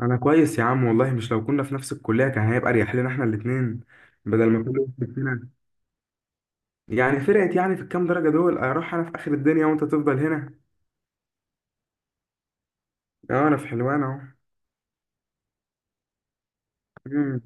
انا كويس يا عم والله. مش لو كنا في نفس الكليه كان هيبقى اريح لنا احنا الاثنين بدل ما كل واحد فينا يعني فرقت يعني في الكام درجه دول اروح انا في اخر الدنيا وانت تفضل هنا. اه انا في حلوان اهو. مم.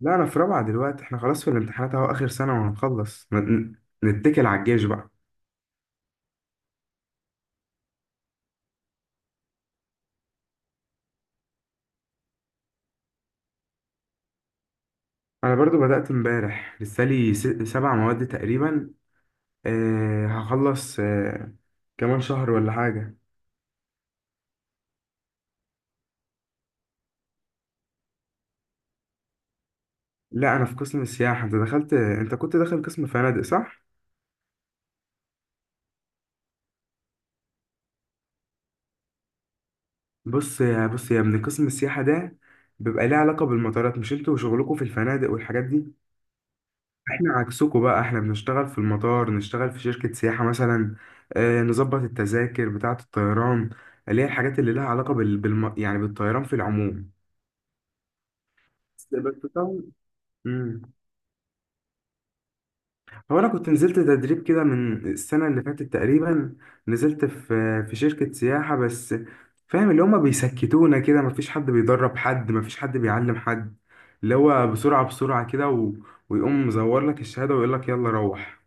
لا انا في رابعه دلوقتي، احنا خلاص في الامتحانات اهو، اخر سنه وهنخلص نتكل على الجيش بقى. انا برضو بدات امبارح، لسه لي سبع مواد تقريبا. أه هخلص، كمان شهر ولا حاجه. لا انا في قسم السياحه. انت دخلت، انت كنت داخل قسم فنادق صح؟ بص يا من قسم السياحة ده بيبقى ليه علاقة بالمطارات. مش انتوا وشغلكوا في الفنادق والحاجات دي؟ احنا عكسكوا بقى، احنا بنشتغل في المطار، نشتغل في شركة سياحة مثلا، آه نظبط التذاكر بتاعة الطيران، اللي هي الحاجات اللي لها علاقة يعني بالطيران في العموم. بس بس طبعا. مم. هو انا كنت نزلت تدريب كده من السنه اللي فاتت تقريبا، نزلت في شركه سياحه، بس فاهم اللي هما بيسكتونا كده، مفيش حد بيدرب حد، مفيش حد بيعلم حد، اللي هو بسرعه بسرعه ويقوم مزور لك الشهاده ويقول لك يلا روح.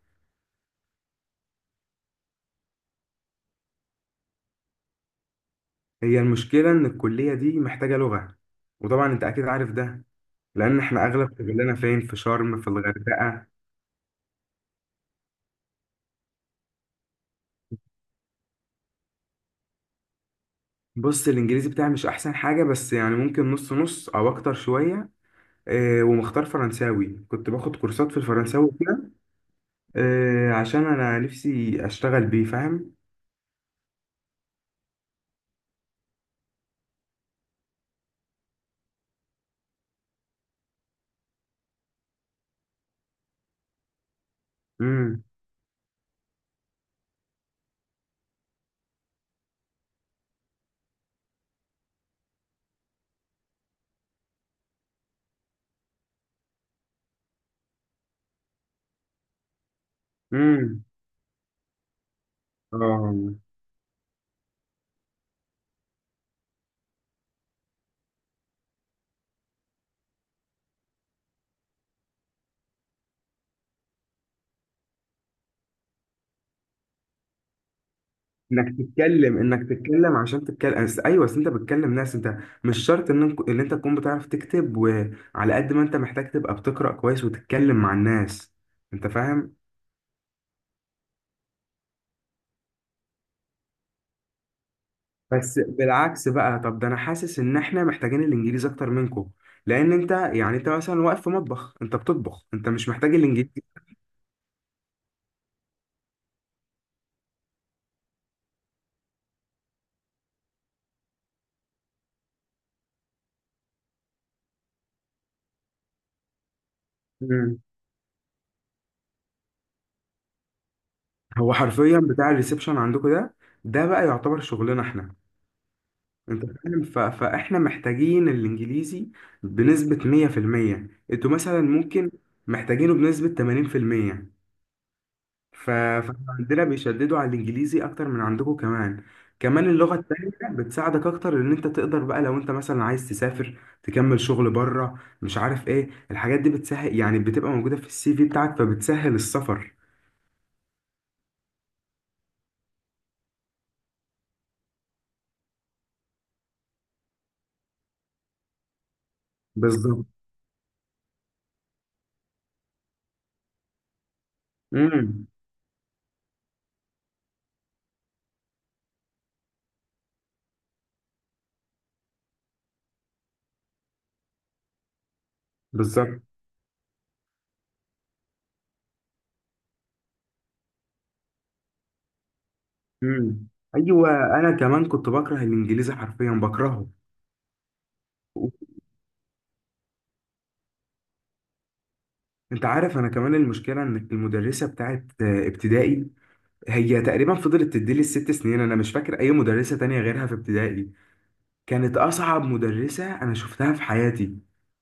هي المشكله ان الكليه دي محتاجه لغه، وطبعا انت اكيد عارف ده، لان احنا اغلب شغلنا فين؟ في شرم، في الغردقه. بص، الانجليزي بتاعي مش احسن حاجه، بس يعني ممكن نص نص او اكتر شويه. ومختار فرنساوي، كنت باخد كورسات في الفرنساوي كده، عشان انا نفسي اشتغل بيه، فاهم؟ امم امم اه، انك تتكلم عشان تتكلم، ايوه، أصل انت بتكلم ناس. انت مش شرط ان ان انت تكون بتعرف تكتب، وعلى قد ما انت محتاج تبقى بتقرأ كويس وتتكلم مع الناس. انت فاهم؟ بس بالعكس بقى، طب ده انا حاسس ان احنا محتاجين الانجليزي اكتر منكم، لان انت يعني انت مثلا واقف في مطبخ، انت بتطبخ، انت مش محتاج الانجليزي. هو حرفيا بتاع الريسبشن عندكم ده، ده بقى يعتبر شغلنا احنا. انت فاهم؟ فاحنا محتاجين الانجليزي بنسبة 100%. انتوا مثلا ممكن محتاجينه بنسبة 80%. فعندنا بيشددوا على الانجليزي اكتر من عندكم. كمان كمان اللغة التانية بتساعدك اكتر، ان انت تقدر بقى لو انت مثلا عايز تسافر تكمل شغل بره، مش عارف ايه الحاجات دي، بتسهل يعني، بتبقى موجودة في السي في بتاعك، فبتسهل السفر. بالظبط. امم بالظبط. امم ايوه، انا كمان كنت بكره الانجليزي، حرفيا بكرهه. انت عارف، انا كمان المشكله ان المدرسه بتاعت ابتدائي هي تقريبا فضلت تديلي الست سنين، انا مش فاكر اي مدرسه تانية غيرها في ابتدائي. كانت أصعب مدرسة أنا شفتها في حياتي.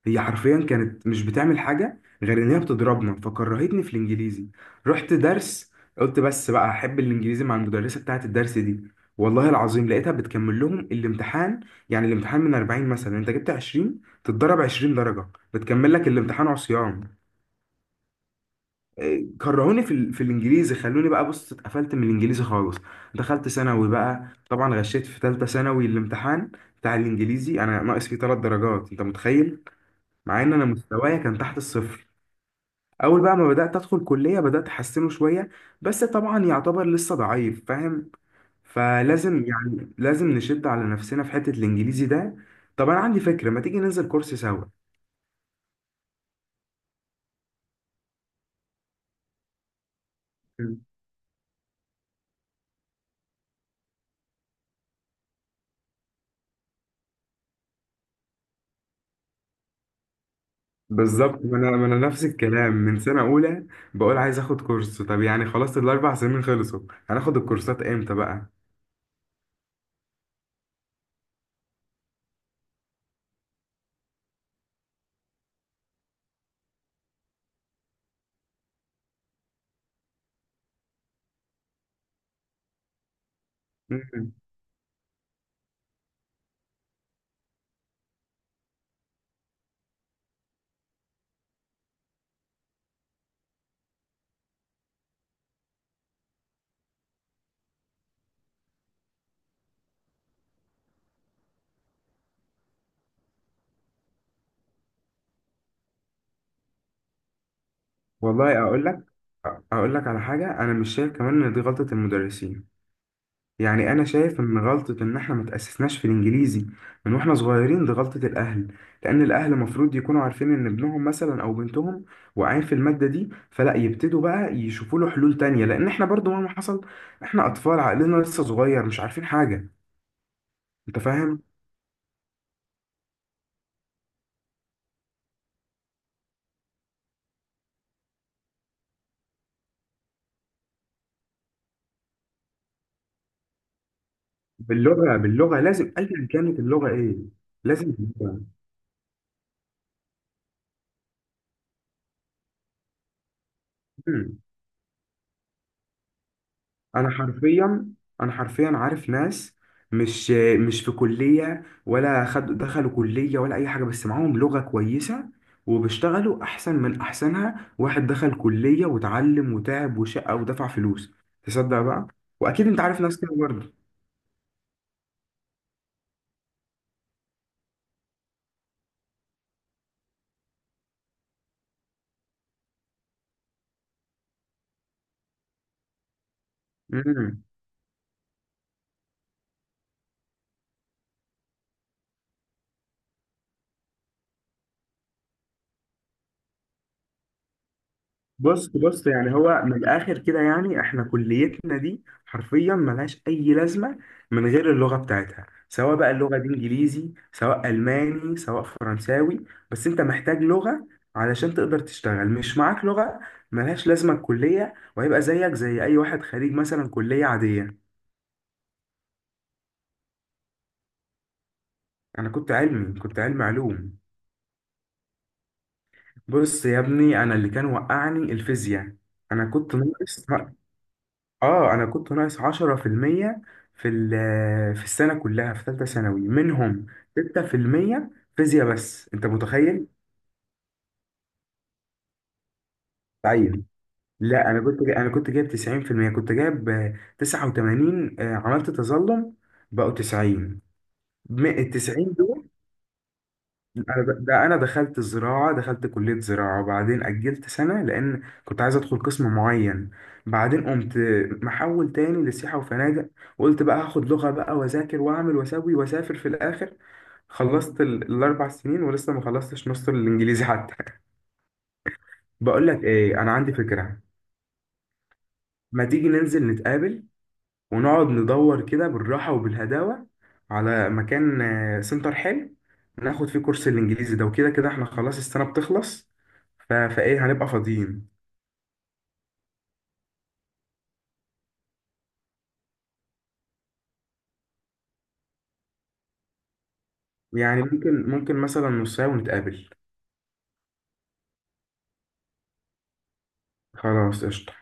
هي حرفيا كانت مش بتعمل حاجة غير إن هي بتضربنا، فكرهتني في الإنجليزي. رحت درس، قلت بس بقى أحب الإنجليزي مع المدرسة بتاعة الدرس دي. والله العظيم لقيتها بتكمل لهم الامتحان. يعني الامتحان من 40 مثلا، أنت جبت 20، تتضرب 20 درجة، بتكمل لك الامتحان عصيان. كرهوني في الانجليزي، خلوني بقى، بص اتقفلت من الانجليزي خالص. دخلت ثانوي بقى، طبعا غشيت في ثالثه ثانوي الامتحان بتاع الانجليزي. انا ناقص فيه ثلاث درجات، انت متخيل؟ مع ان انا مستوايا كان تحت الصفر. اول بقى ما بدات ادخل كليه بدات احسنه شويه، بس طبعا يعتبر لسه ضعيف، فاهم؟ فلازم يعني لازم نشد على نفسنا في حته الانجليزي ده. طب انا عندي فكره، ما تيجي ننزل كورس سوا. بالظبط، ما انا نفس الكلام من سنه اولى بقول عايز اخد كورس، طب يعني خلاص الاربع سنين خلصوا، هناخد الكورسات امتى بقى؟ مم. والله اقول لك، اقول لك على حاجه، انا مش شايف كمان ان دي غلطه المدرسين. يعني انا شايف ان غلطه ان احنا ما تاسسناش في الانجليزي من واحنا صغيرين، دي غلطه الاهل. لان الاهل المفروض يكونوا عارفين ان ابنهم مثلا او بنتهم واقعين في الماده دي، فلا يبتدوا بقى يشوفوا له حلول تانية، لان احنا برضو مهما حصل، احنا اطفال، عقلنا لسه صغير، مش عارفين حاجه. انت فاهم؟ باللغه باللغه لازم، ايا كانت اللغه ايه، لازم باللغة. مم. انا حرفيا، انا حرفيا عارف ناس مش مش في كليه ولا خد دخلوا كليه ولا اي حاجه، بس معاهم لغه كويسه، وبيشتغلوا احسن من احسنها واحد دخل كليه وتعلم وتعب وشقى ودفع فلوس. تصدق بقى؟ واكيد انت عارف ناس كده برضه. مم. بص يعني هو من الاخر كده، يعني احنا كليتنا دي حرفيا ملهاش اي لازمه من غير اللغه بتاعتها، سواء بقى اللغه دي انجليزي، سواء الماني، سواء فرنساوي، بس انت محتاج لغه علشان تقدر تشتغل. مش معاك لغه، ملهاش لازمه الكليه، وهيبقى زيك زي اي واحد خريج مثلا كليه عاديه. انا كنت علمي، كنت علمي علوم. بص يا ابني، انا اللي كان وقعني الفيزياء. انا كنت ناقص، اه انا كنت ناقص 10% في المية في في السنه كلها في ثالثه ثانوي منهم 6% فيزياء بس، انت متخيل؟ تعين. لا انا انا كنت جايب 90%. كنت جايب 89، عملت تظلم، بقوا 90 من ال 90. انا ده انا دخلت الزراعه، دخلت كليه زراعه، وبعدين اجلت سنه لان كنت عايز ادخل قسم معين. بعدين قمت محول تاني لسياحه وفنادق، وقلت بقى هاخد لغه بقى واذاكر واعمل واسوي واسافر في الاخر. خلصت الاربع سنين ولسه ما خلصتش نص الانجليزي حتى. بقول لك ايه، انا عندي فكره. ما تيجي ننزل نتقابل، ونقعد ندور كده بالراحة وبالهداوة على مكان سنتر حلو ناخد فيه كورس الإنجليزي ده، وكده كده احنا خلاص السنة بتخلص، فإيه، هنبقى فاضيين. يعني ممكن، مثلا نص ساعة ونتقابل. خلاص قشطة.